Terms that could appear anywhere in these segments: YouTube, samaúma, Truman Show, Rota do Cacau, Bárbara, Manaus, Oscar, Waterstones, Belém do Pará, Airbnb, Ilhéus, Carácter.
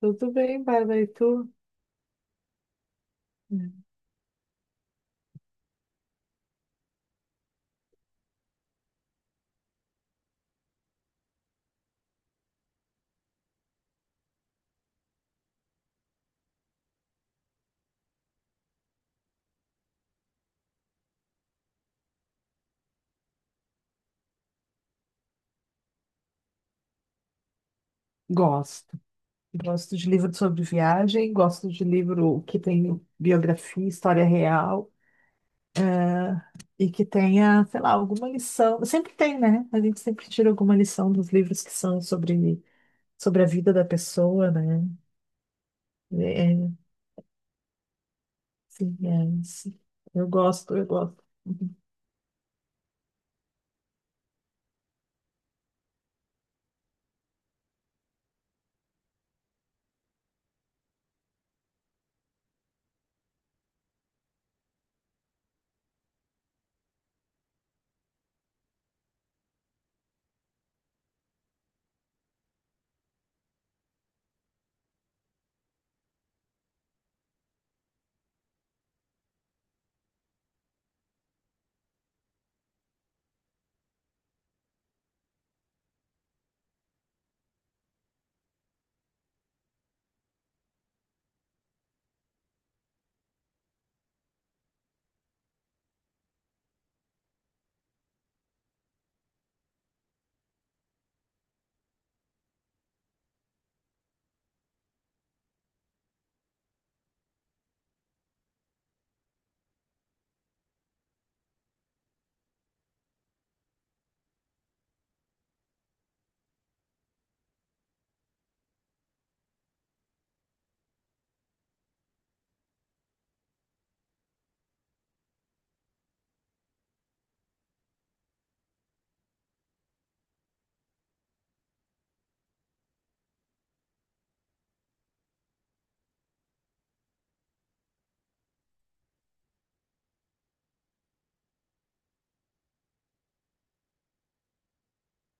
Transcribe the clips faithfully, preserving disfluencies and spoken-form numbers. Tudo bem, Bárbara, e tu? Hum. Gosto. Gosto de livro sobre viagem, gosto de livro que tem biografia, história real e que tenha, sei lá, alguma lição. Sempre tem, né? A gente sempre tira alguma lição dos livros que são sobre, sobre a vida da pessoa, né? É, sim, é, sim. Eu gosto, eu gosto.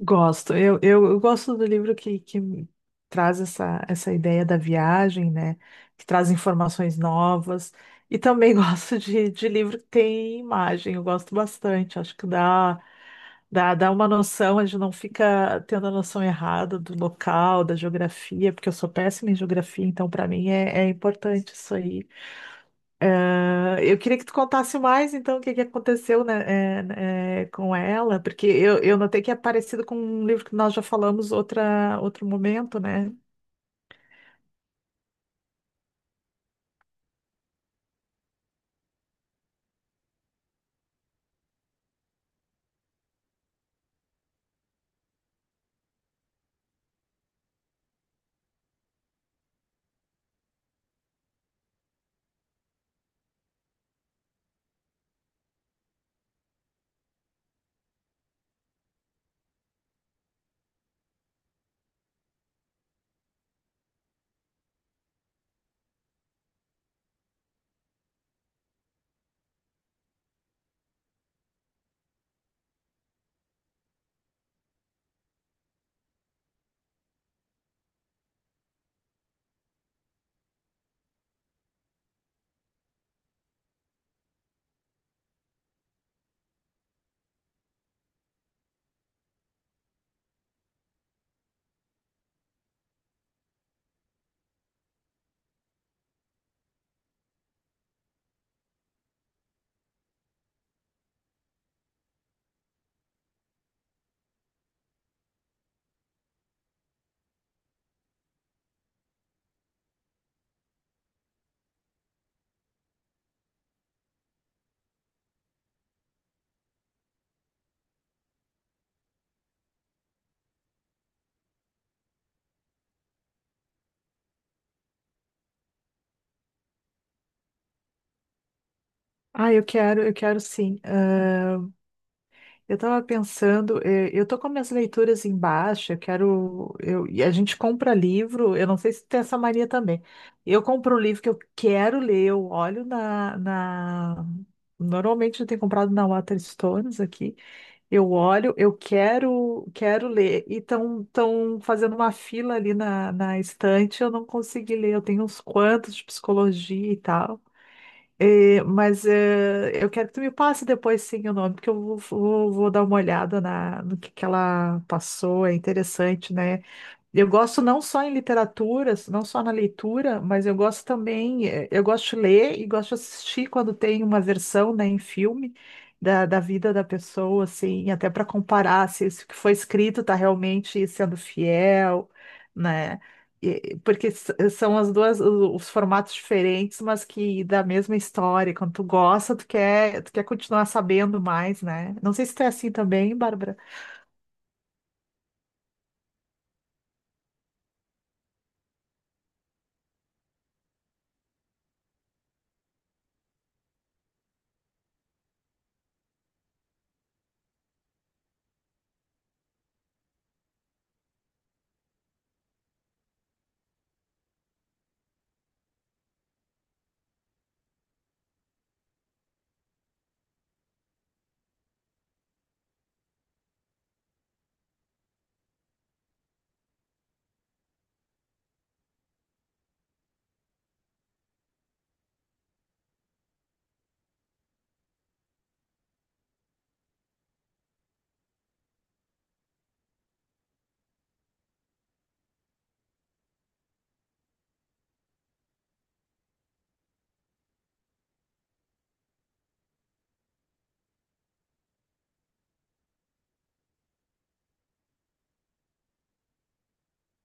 Gosto. Eu, eu, eu gosto do livro que, que me traz essa, essa ideia da viagem, né? Que traz informações novas. E também gosto de, de livro que tem imagem. Eu gosto bastante. Acho que dá, dá, dá uma noção, a gente não fica tendo a noção errada do local, da geografia, porque eu sou péssima em geografia, então para mim é, é importante isso aí. Ah, eu queria que tu contasse mais, então, o que que aconteceu, né, é, é, com ela, porque eu, eu notei que é parecido com um livro que nós já falamos outra, outro momento, né? Ah, eu quero, eu quero sim. Ah, eu estava pensando, eh, eu tô com minhas leituras embaixo, eu quero, eu, e a gente compra livro, eu não sei se tem essa mania também. Eu compro o livro que eu quero ler, eu olho na, na... Normalmente eu tenho comprado na Waterstones aqui. Eu olho, eu quero, quero ler. E estão fazendo uma fila ali na, na estante, eu não consegui ler. Eu tenho uns quantos de psicologia e tal. Eh, mas eh, eu quero que tu me passe depois sim o nome, porque eu vou, vou- vou dar uma olhada na, no que, que ela passou. É interessante, né? Eu gosto não só em literaturas, não só na leitura, mas eu gosto também, eh, eu gosto de ler e gosto de assistir quando tem uma versão, né, em filme da, da vida da pessoa, assim, até para comparar se isso que foi escrito está realmente sendo fiel, né? E- porque s- são as duas, o- os formatos diferentes, mas que da mesma história. Quando tu gosta, tu quer, tu quer continuar sabendo mais, né? Não sei se tu é assim também, Bárbara.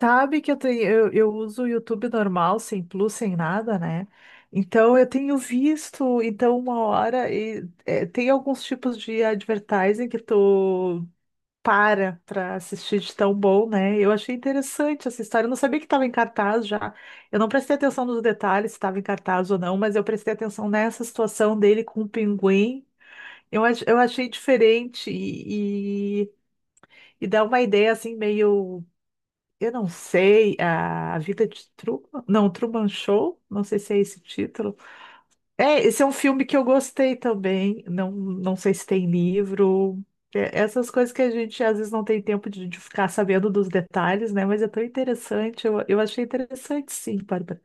Sabe que eu tenho, eu, eu uso o YouTube normal, sem plus, sem nada, né? Então eu tenho visto, então uma hora e é, tem alguns tipos de advertising que tu para para assistir de tão bom, né? Eu achei interessante essa história. Eu não sabia que estava em cartaz já. Eu não prestei atenção nos detalhes se estava em cartaz ou não, mas eu prestei atenção nessa situação dele com o pinguim. Eu, ach- eu achei diferente e, e, e dá uma ideia assim meio eu não sei, a a Vida de Truman, não, Truman Show, não sei se é esse título. É, esse é um filme que eu gostei também, não, não sei se tem livro. É, essas coisas que a gente às vezes não tem tempo de, de ficar sabendo dos detalhes, né? Mas é tão interessante, eu, eu achei interessante sim, Bárbara.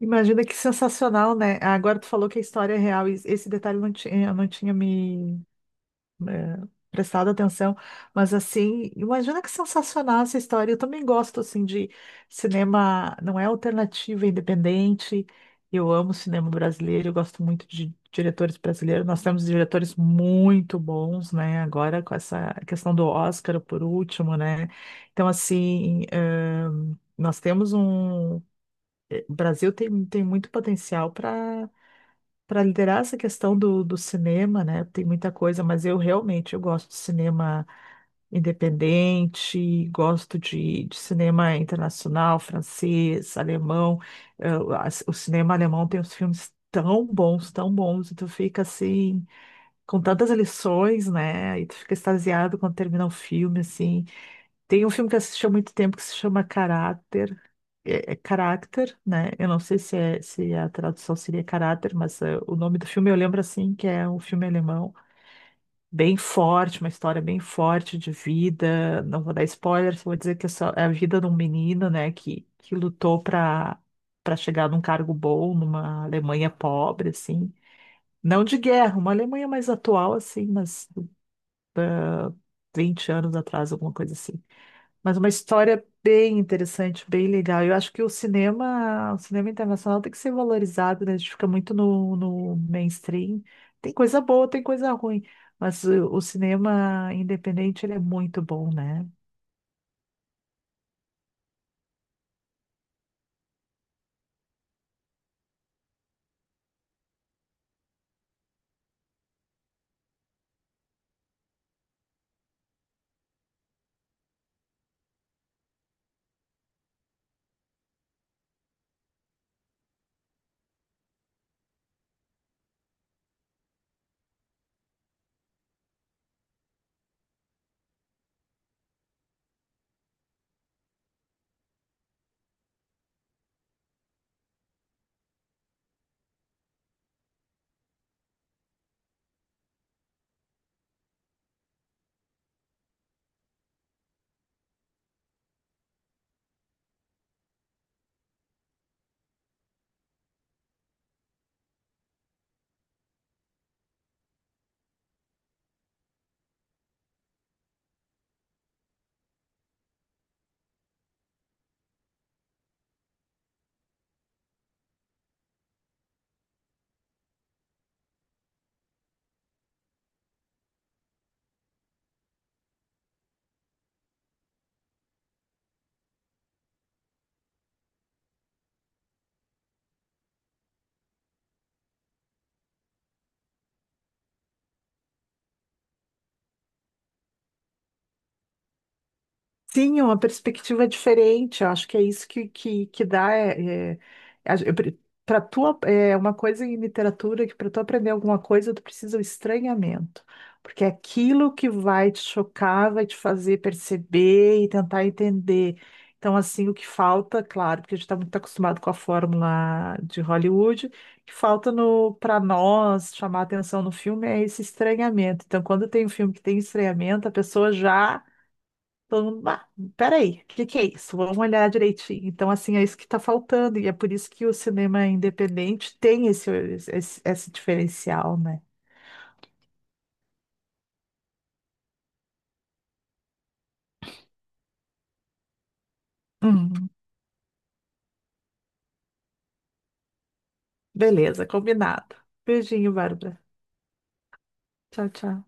Imagina que sensacional, né? Agora tu falou que a história é real, e esse detalhe não tinha, não tinha me, é, prestado atenção, mas assim, imagina que sensacional essa história. Eu também gosto assim de cinema, não é alternativo, é independente. Eu amo cinema brasileiro, eu gosto muito de diretores brasileiros. Nós temos diretores muito bons, né? Agora com essa questão do Oscar por último, né? Então assim, eh, nós temos um eh, o Brasil tem, tem muito potencial para para liderar essa questão do, do cinema, né? Tem muita coisa, mas eu realmente eu gosto de cinema independente, gosto de, de cinema internacional, francês, alemão. Eh, o as- o cinema alemão tem uns filmes tão bons, tão bons, e tu fica assim, com tantas lições, né? E tu fica extasiado quando termina o filme, assim. Tem um filme que eu assisti há muito tempo que se chama Caráter. É, é Carácter, né? Eu não sei se, é, se a tradução seria Caráter, mas é, o nome do filme eu lembro assim, que é um filme alemão bem forte, uma história bem forte de vida. Não vou dar spoiler, só vou dizer que é, só, é a vida de um menino, né, que, que lutou para para chegar num cargo bom numa Alemanha pobre, assim. Não de guerra, uma Alemanha mais atual, assim, mas vinte anos atrás, alguma coisa assim. Mas uma história bem interessante, bem legal. Eu acho que o cinema, o cinema internacional tem que ser valorizado, né? A gente fica muito no, no mainstream. Tem coisa boa, tem coisa ruim, mas o, o cinema independente ele é muito bom, né? Sim, é uma perspectiva diferente. Eu acho que é isso que, que, que dá. É, para tu, ap- é uma coisa em literatura que para tu aprender alguma coisa, tu precisa do estranhamento. Porque é aquilo que vai te chocar, vai te fazer perceber e tentar entender. Então, assim, o que falta, claro, porque a gente está muito acostumado com a fórmula de Hollywood, o que falta no para nós chamar atenção no filme é esse estranhamento. Então, quando tem um filme que tem estranhamento, a pessoa já todo mundo, ah, peraí, o que que é isso? Vamos olhar direitinho. Então, assim, é isso que está faltando, e é por isso que o cinema independente tem esse, esse, esse diferencial, né? Uhum. Beleza, combinado. Beijinho, Bárbara. Tchau, tchau.